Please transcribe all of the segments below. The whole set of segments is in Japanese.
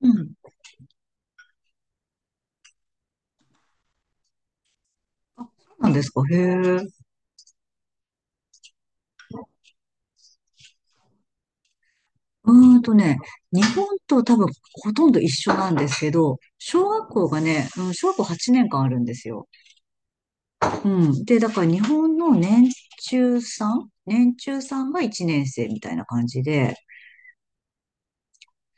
うん。そうなんですか、へえ。うーんとね、日本と多分ほとんど一緒なんですけど、小学校がね、小学校8年間あるんですよ。うん。で、だから日本の年中さんが1年生みたいな感じで、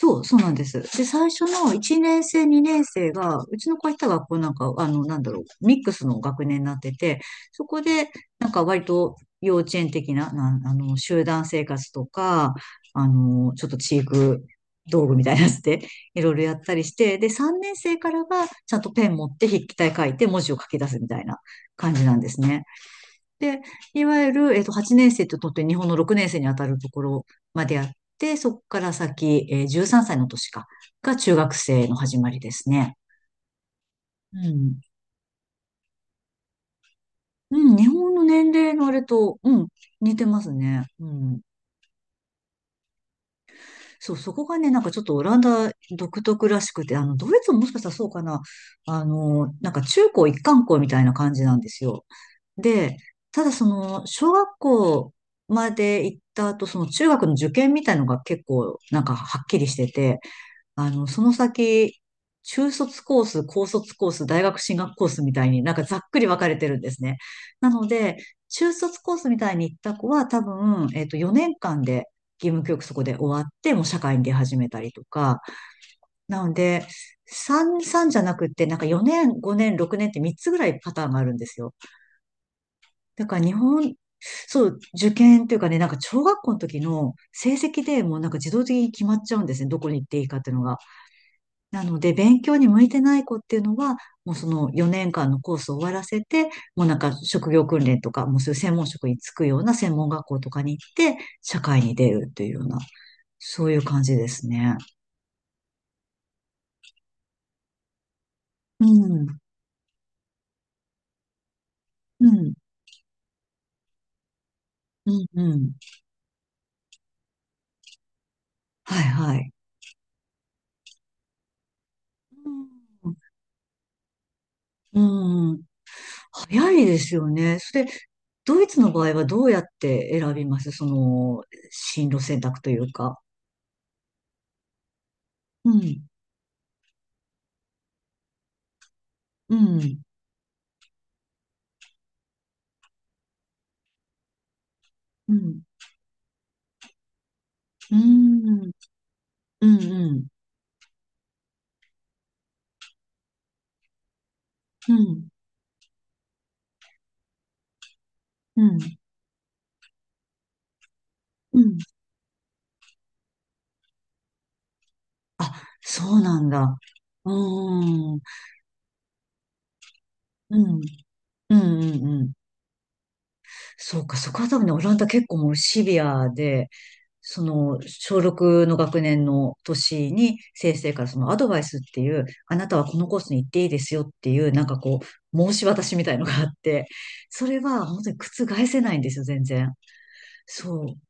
そう、そうなんです。で、最初の1年生、2年生が、うちの子が行った学校なんか、なんだろう、ミックスの学年になってて、そこで、なんか割と幼稚園的な、集団生活とか、ちょっと知育道具みたいなやつで、いろいろやったりして、で、3年生からは、ちゃんとペン持って筆記体書いて文字を書き出すみたいな感じなんですね。で、いわゆる、8年生ととって日本の6年生にあたるところまであって、そこから先、13歳のが中学生の始まりですね。うん。うん、日本の年齢のあれと、似てますね。うん。そう、そこがね、なんかちょっとオランダ独特らしくて、ドイツももしかしたらそうかな、なんか中高一貫校みたいな感じなんですよ。で、ただその、小学校まで行った後、その中学の受験みたいのが結構、なんかはっきりしてて、その先、中卒コース、高卒コース、大学進学コースみたいになんかざっくり分かれてるんですね。なので、中卒コースみたいに行った子は多分、4年間で義務教育そこで終わって、もう社会に出始めたりとか。なので、3じゃなくって、なんか4年、5年、6年って3つぐらいパターンがあるんですよ。だから日本、そう、受験というかね、なんか小学校の時の成績でもうなんか自動的に決まっちゃうんですね。どこに行っていいかっていうのが。なので、勉強に向いてない子っていうのは、もうその4年間のコースを終わらせて、もうなんか職業訓練とか、もうそういう専門職に就くような専門学校とかに行って、社会に出るというような、そういう感じですね。うん。うん。うん。うん。はい、はい。うん。うん、早いですよね。それ、ドイツの場合はどうやって選びますその、進路選択というか？うん。うん。うん。うん。うん。うん。うん。うん。うん。あ、そうなんだ。うーん。うん。うんうんうん。そうか、そこは多分ね、オランダ結構もうシビアで、その、小6の学年の年に先生からそのアドバイスっていう、あなたはこのコースに行っていいですよっていう、なんかこう、申し渡しみたいのがあって、それは本当に覆せないんですよ、全然。そう。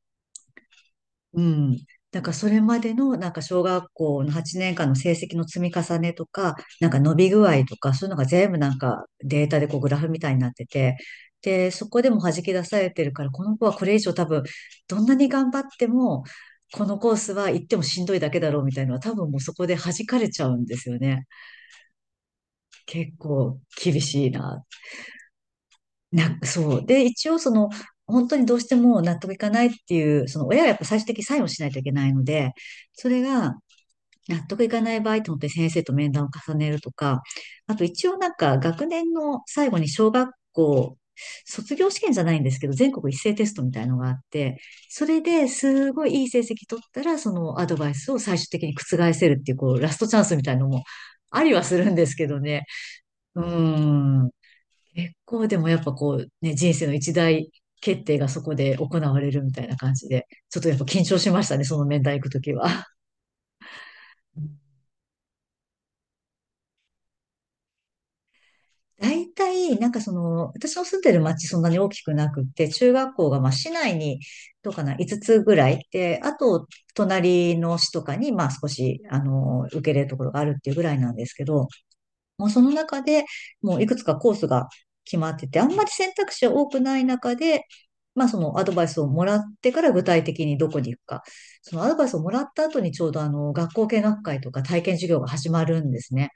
うん。なんかそれまでのなんか小学校の8年間の成績の積み重ねとか、なんか伸び具合とか、そういうのが全部なんかデータでこうグラフみたいになってて、で、そこでも弾き出されてるから、この子はこれ以上多分、どんなに頑張っても、このコースは行ってもしんどいだけだろうみたいなのは多分もうそこで弾かれちゃうんですよね。結構厳しいな。そう。で、一応その、本当にどうしても納得いかないっていう、その親はやっぱ最終的にサインをしないといけないので、それが、納得いかない場合と思って本当に先生と面談を重ねるとか、あと一応なんか学年の最後に小学校、卒業試験じゃないんですけど、全国一斉テストみたいのがあって、それですごいいい成績取ったら、そのアドバイスを最終的に覆せるっていう、こう、ラストチャンスみたいのもありはするんですけどね。うーん。結構でもやっぱこう、ね、人生の一大決定がそこで行われるみたいな感じで、ちょっとやっぱ緊張しましたね、その面談行くときは。大体、なんかその、私の住んでる町そんなに大きくなくって、中学校がまあ市内に、どうかな、5つぐらい。で、あと、隣の市とかに、まあ少し、受け入れるところがあるっていうぐらいなんですけど、もうその中でもういくつかコースが決まってて、あんまり選択肢は多くない中で、まあそのアドバイスをもらってから具体的にどこに行くか。そのアドバイスをもらった後にちょうど学校見学会とか体験授業が始まるんですね。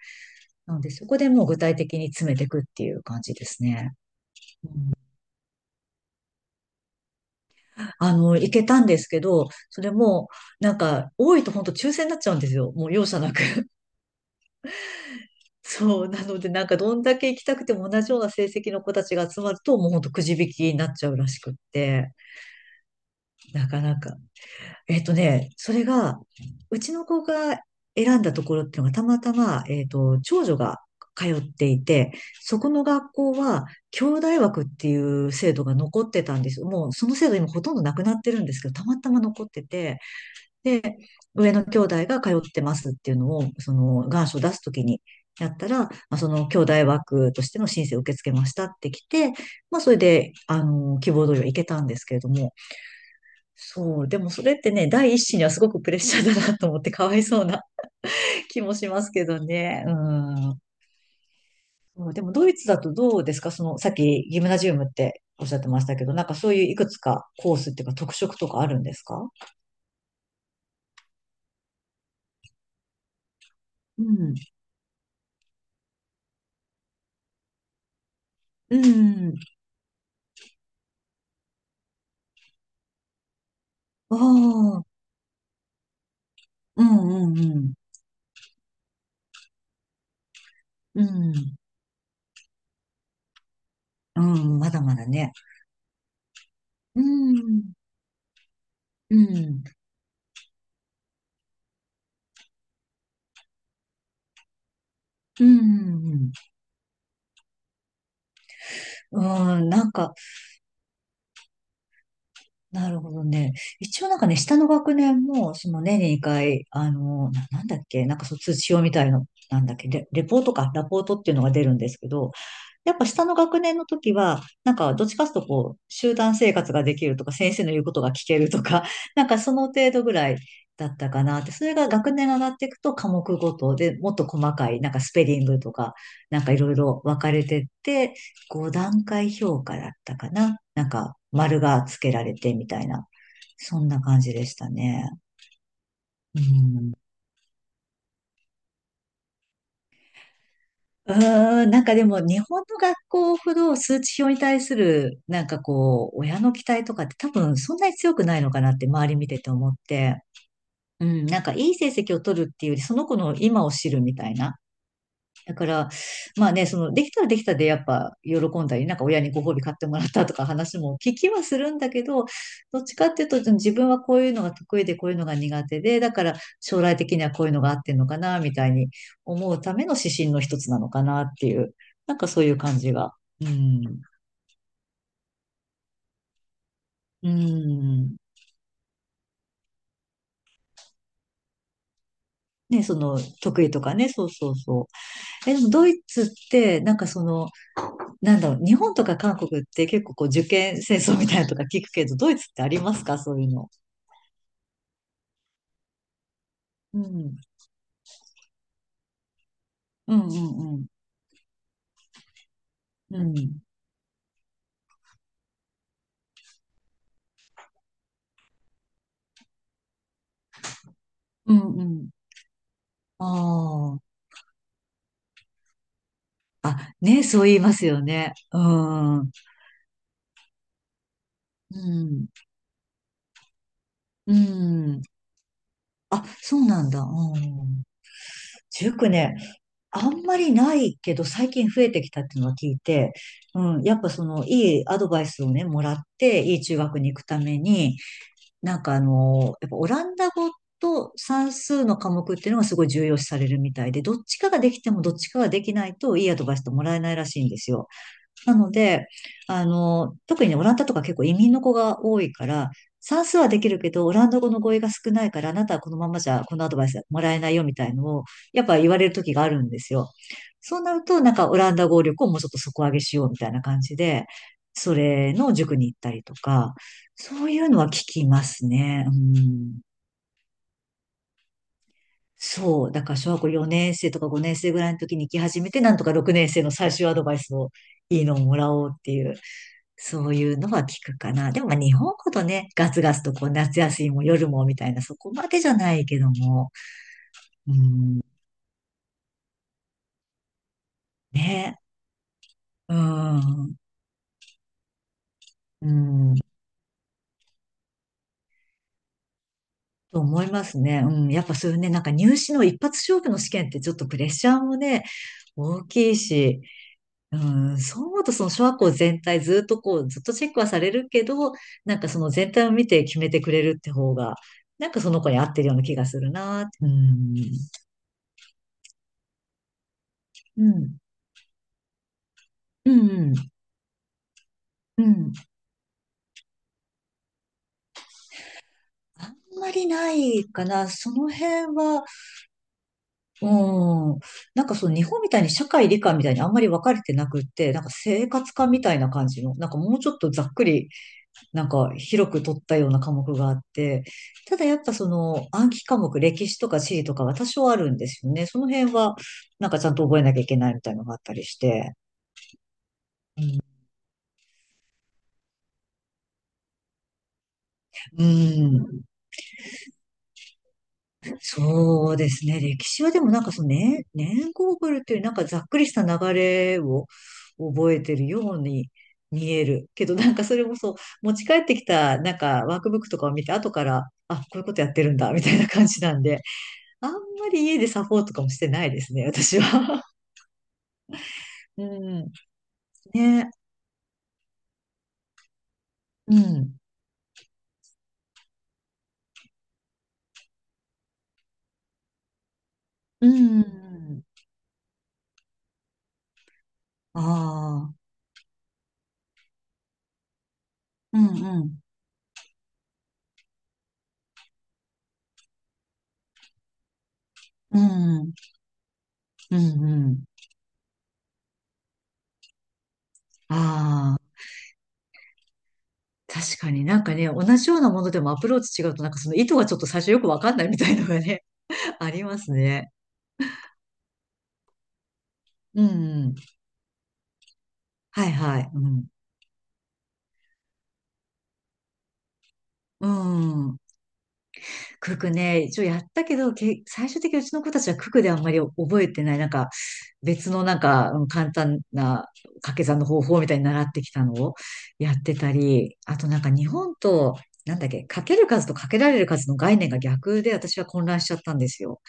なので、そこでもう具体的に詰めていくっていう感じですね。行けたんですけど、それも、なんか、多いと本当抽選になっちゃうんですよ。もう容赦なく。そう。なので、なんか、どんだけ行きたくても同じような成績の子たちが集まると、もう本当くじ引きになっちゃうらしくって、なかなか。それが、うちの子が選んだところっていうのがたまたま、長女が通っていて、そこの学校は、兄弟枠っていう制度が残ってたんですよ。もうその制度今ほとんどなくなってるんですけど、たまたま残ってて、で、上の兄弟が通ってますっていうのを、その願書を出すときにやったら、まあ、その兄弟枠としての申請を受け付けましたってきて、まあそれで、希望通りは行けたんですけれども、そう、でもそれってね、第一子にはすごくプレッシャーだなと思ってかわいそうな 気もしますけどね。うん。そう、でもドイツだとどうですか？その、さっきギムナジウムっておっしゃってましたけど、なんかそういういくつかコースっていうか特色とかあるんですか？うん。うん。ああ。うんうんうん。うん。うん。まだまだね。うん。うん。うん。うん。うん、なるほどね。一応なんかね、下の学年も、その年に2回、なんだっけ、なんかそう通知表みたいの、なんだっけ、レポートか、ラポートっていうのが出るんですけど、やっぱ下の学年の時は、なんかどっちかというとこう、集団生活ができるとか、先生の言うことが聞けるとか、なんかその程度ぐらいだったかなって、それが学年が上がっていくと科目ごとでもっと細かい、なんかスペリングとか、なんかいろいろ分かれてって、5段階評価だったかな。なんか丸がつけられてみたいな、そんな感じでしたね。うん。うなんかでも日本の学校ほど数値表に対するなんかこう親の期待とかって多分そんなに強くないのかなって周り見てて思って、うん、なんかいい成績を取るっていうよりその子の今を知るみたいな。だから、まあね、その、できたらできたで、やっぱ、喜んだり、なんか親にご褒美買ってもらったとか話も聞きはするんだけど、どっちかっていうと、自分はこういうのが得意で、こういうのが苦手で、だから、将来的にはこういうのが合ってんのかな、みたいに思うための指針の一つなのかなっていう、なんかそういう感じが。うん。うん。ね、その、得意とかね、そうそうそう。え、でも、ドイツって、日本とか韓国って結構こう受験戦争みたいなのとか聞くけど、ドイツってありますかそういうの。うん。うんうんうん。うん。うんうん。ああ。あ、ね、そう言いますよね。うん。うん。うん。あ、そうなんだ。うん。塾ね、あんまりないけど、最近増えてきたっていうのは聞いて、うん、やっぱその、いいアドバイスをね、もらって、いい中学に行くために、なんかあの、やっぱオランダ語と算数の科目っていうのがすごい重要視されるみたいで、どっちかができてもどっちかができないといいアドバイスってもらえないらしいんですよ。なので、あの、特にね、オランダとか結構移民の子が多いから、算数はできるけど、オランダ語の語彙が少ないから、あなたはこのままじゃこのアドバイスはもらえないよみたいのを、やっぱ言われる時があるんですよ。そうなると、なんかオランダ語力をもうちょっと底上げしようみたいな感じで、それの塾に行ったりとか、そういうのは聞きますね。うん。そう。だから小学校4年生とか5年生ぐらいの時に行き始めて、なんとか6年生の最終アドバイスをいいのをもらおうっていう。そういうのは聞くかな。でもまあ日本ほどね、ガツガツとこう夏休みも夜もみたいな、そこまでじゃないけども、うん、ね、うん、うん、と思いますね。うん、やっぱそういうね、なんか入試の一発勝負の試験ってちょっとプレッシャーもね、大きいし、うん、そう思うとその小学校全体ずっとこう、ずっとチェックはされるけど、なんかその全体を見て決めてくれるって方が、なんかその子に合ってるような気がするな。うん、うん、うん、うん。あんまりないかな。その辺は、うん。なんかその日本みたいに社会理科みたいにあんまり分かれてなくって、なんか生活科みたいな感じの、なんかもうちょっとざっくり、なんか広く取ったような科目があって、ただやっぱその暗記科目、歴史とか地理とかは多少あるんですよね。その辺は、なんかちゃんと覚えなきゃいけないみたいなのがあったりして。うん。そうですね。歴史はでもなんかその年、年号ブルっていうなんかざっくりした流れを覚えてるように見える。けどなんかそれもそう、持ち帰ってきたなんかワークブックとかを見て後から、あ、こういうことやってるんだみたいな感じなんで、あんまり家でサポートとかもしてないですね、私は。うん。ね。うん。うん。ああ。うんうん。うん。うんうん。ああ。確かになんかね、同じようなものでもアプローチ違うと、なんかその意図がちょっと最初よくわかんないみたいのがね、ありますね。うん。はいはい。うん。うん。九クね、一応やったけど、最終的にうちの子たちはククであんまり覚えてない、なんか別のなんか簡単な掛け算の方法みたいに習ってきたのをやってたり、あとなんか日本と、なんだっけ、かける数とかけられる数の概念が逆で私は混乱しちゃったんですよ。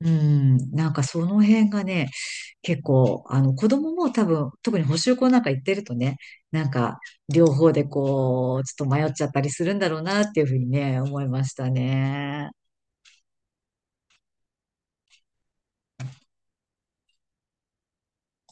うん、なんかその辺がね、結構、あの子供も多分、特に補習校なんか行ってるとね、なんか両方でこう、ちょっと迷っちゃったりするんだろうなっていうふうにね、思いましたね。